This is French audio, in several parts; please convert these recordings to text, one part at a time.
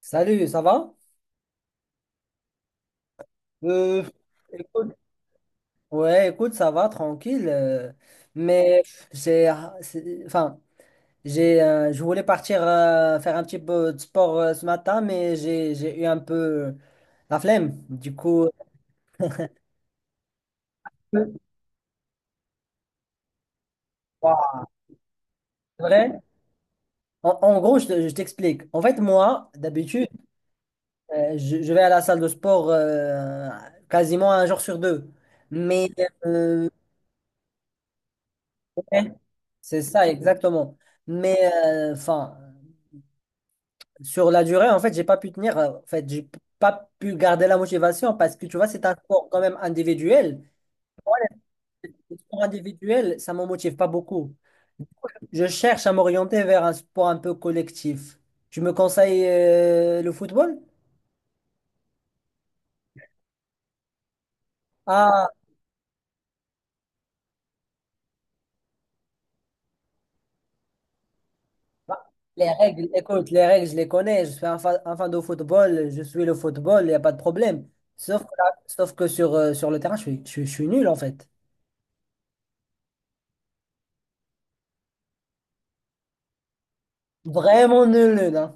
Salut, ça va? Euh, écoute, ouais, écoute, ça va, tranquille. Mais j'ai, enfin, je voulais partir faire un petit peu de sport ce matin, mais j'ai eu un peu la flemme. Du coup. Wow. C'est vrai. En gros, je t'explique. En fait, moi, d'habitude, je vais à la salle de sport quasiment un jour sur deux. Mais euh, ouais, c'est ça, exactement. Mais enfin. Sur la durée, en fait, j'ai pas pu tenir. En fait, pas pu garder la motivation parce que tu vois, c'est un sport quand même individuel. Le sport individuel, ça me motive pas beaucoup. Je cherche à m'orienter vers un sport un peu collectif. Tu me conseilles le football? Ah, bah, les règles, écoute, les règles, je les connais. Je suis un fan de football, je suis le football, il n'y a pas de problème. Sauf que sur le terrain, je suis nul en fait. Vraiment nul, nul. Hein.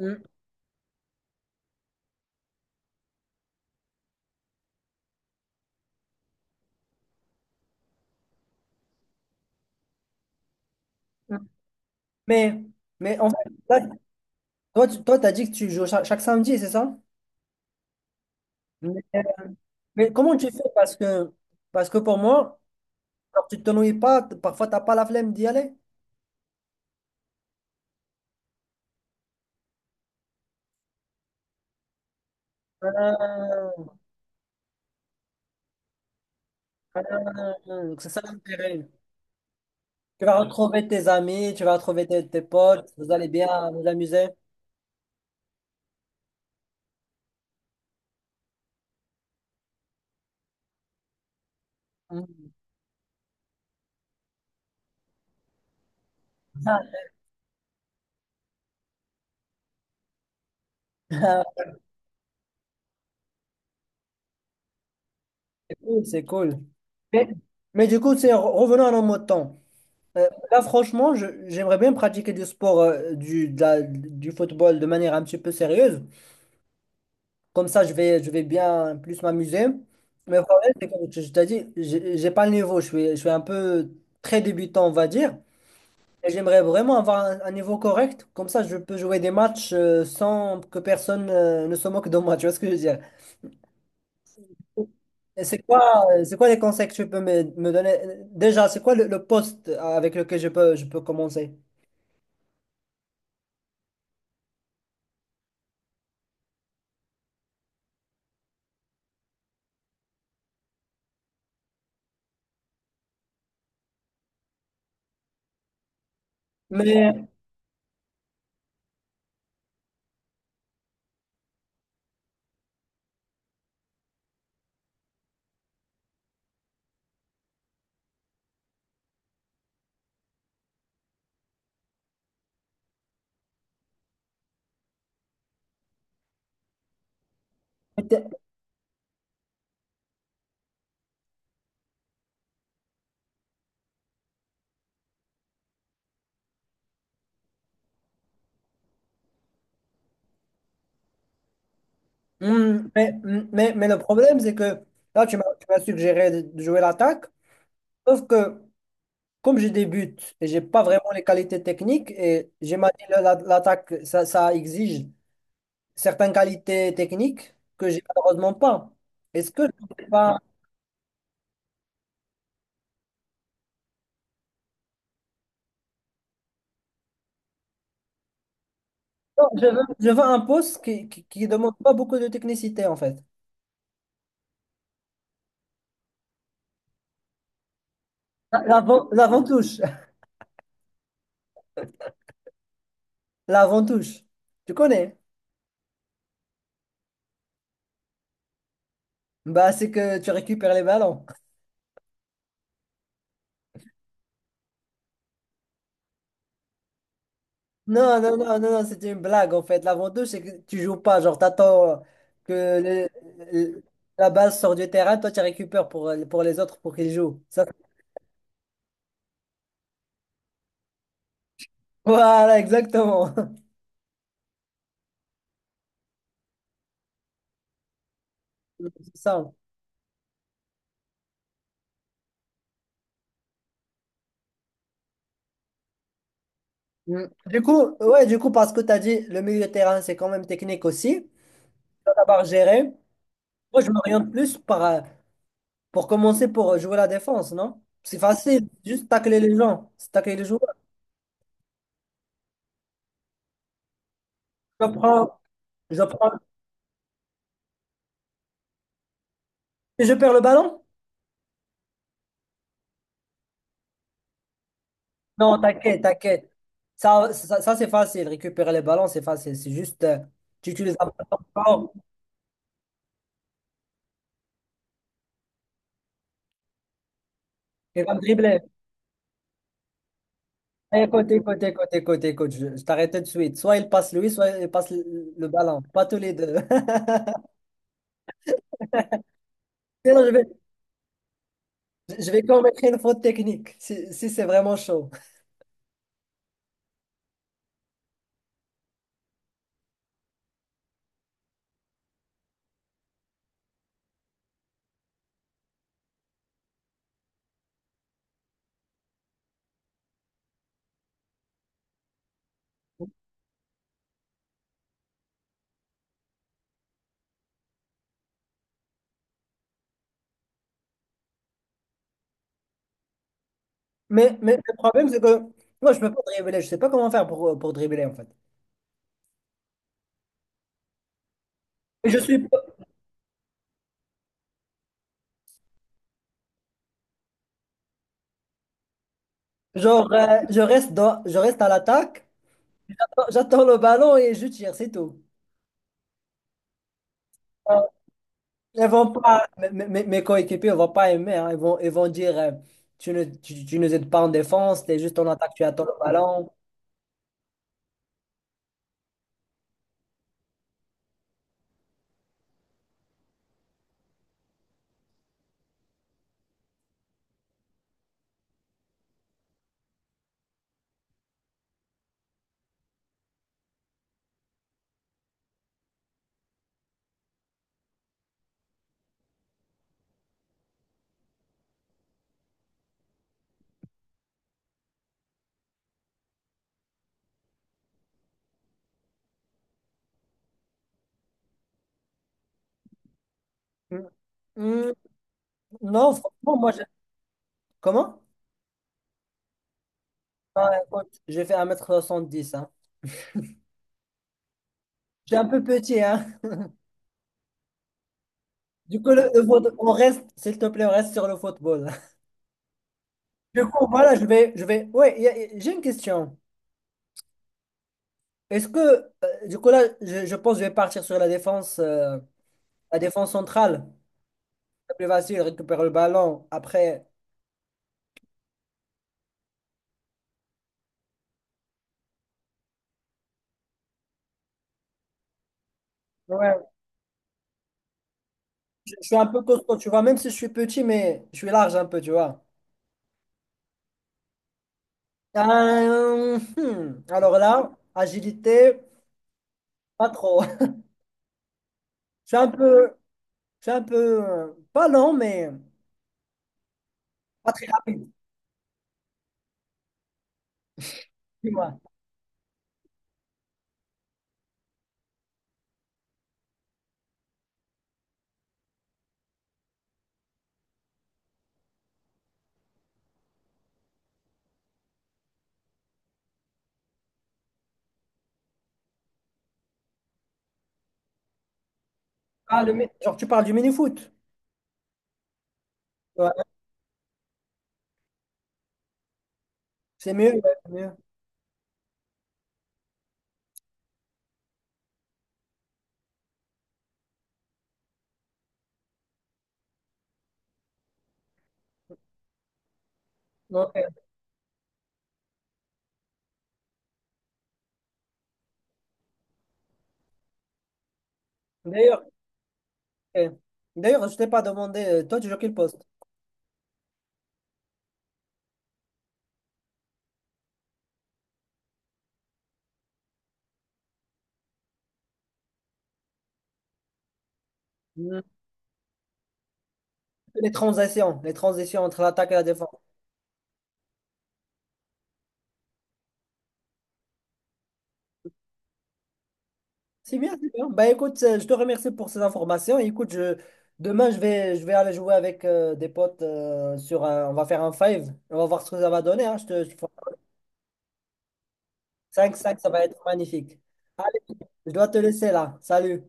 Mm, mm. Mais, mais en fait, là, toi, t'as dit que tu joues chaque, samedi, c'est ça? Mais, mais comment tu fais? Parce que pour moi, alors, tu ne t'ennuies pas, parfois tu n'as pas la flemme d'y aller. Ah, ah, donc c'est ça l'intérêt. Tu vas retrouver tes amis, tu vas retrouver tes potes, vous allez bien vous amuser. Mm. Ah, ah, c'est cool, c'est cool. Mais, mais du coup, revenons à nos mots de temps. Là, franchement, j'aimerais bien pratiquer du sport, du football de manière un petit peu sérieuse. Comme ça, je vais bien plus m'amuser. Mais le problème, c'est comme je t'ai dit, j'ai pas le niveau. Je suis un peu très débutant, on va dire. Et j'aimerais vraiment avoir un niveau correct. Comme ça, je peux jouer des matchs sans que personne ne se moque de moi. Tu vois ce que je veux dire? Et c'est quoi, les conseils que tu peux me donner? Déjà, c'est quoi le poste avec lequel je peux commencer? Mais, mais le problème, c'est que là, tu m'as suggéré de jouer l'attaque. Sauf que comme je débute et j'ai pas vraiment les qualités techniques, et j'ai ma dit l'attaque, ça exige certaines qualités techniques que j'ai malheureusement pas. Est-ce que je peux pas. Non, je veux un poste qui demande pas beaucoup de technicité en fait. L'avant-touche. L'avant-touche. Tu connais? Bah, c'est que tu récupères les ballons. Non, non, non, non, non, c'était une blague en fait. L'avantage, c'est que tu joues pas. Genre, t'attends que le- le- la balle sort du terrain, toi, tu récupères pour les autres pour qu'ils jouent. Voilà, exactement. C'est ça. Mm. Du coup, ouais, du coup, parce que tu as dit le milieu de terrain, c'est quand même technique aussi. Tu d'abord gérer. Moi, je m'oriente plus pour commencer pour jouer la défense, non? C'est facile, juste tacler les gens, c'est tacler les joueurs. Je prends, je prends, et je perds le ballon. Non, t'inquiète, t'inquiète. Ça, c'est facile. Récupérer les ballons, c'est facile. C'est juste, tu utilises un ballon fort, il va me dribbler. Eh, Côté, côté, côté, côté, côté. Je t'arrête tout de suite. Soit il passe lui, soit il passe le ballon. Pas tous les deux. Sinon, je vais commettre une faute technique si c'est vraiment chaud. Mais le problème, c'est que moi, je peux pas dribbler. Je sais pas comment faire pour dribbler, en fait. Je suis, pas- genre, je reste je reste à l'attaque, j'attends le ballon et je tire, c'est tout. Ils vont pas, mes, mes- mes coéquipiers ne vont pas aimer. Hein. Ils vont dire tu ne, tu nous aides pas en défense, tu es juste en attaque, tu attends le ballon. Mm. Mm, non, franchement, moi, comment? Ah, écoute, j'ai fait 1m70. Hein. Je suis un peu petit. Hein. Du coup, on reste, s'il te plaît, on reste sur le football. Du coup, voilà, je vais. Ouais, j'ai une question. Est-ce que, du coup, là, je pense que je vais partir sur la défense centrale. C'est plus facile, récupérer le ballon. Après, ouais. Je suis un peu costaud, tu vois, même si je suis petit, mais je suis large un peu, tu vois. Alors là, agilité, pas trop. Je suis un peu, je suis un peu, pas lent, mais pas très rapide, dis-moi. Ah, genre, tu parles du mini-foot. Ouais, c'est mieux, ouais, c'est mieux. Ok. D'ailleurs, Ok. D'ailleurs, je t'ai pas demandé, toi tu joues quel poste? Mm. Les transitions entre l'attaque et la défense. C'est bien, c'est bien. Bah écoute, je te remercie pour ces informations. Et écoute, demain je vais aller jouer avec des potes on va faire un five. On va voir ce que ça va donner. Hein. 5-5, ça va être magnifique. Allez, je dois te laisser là. Salut.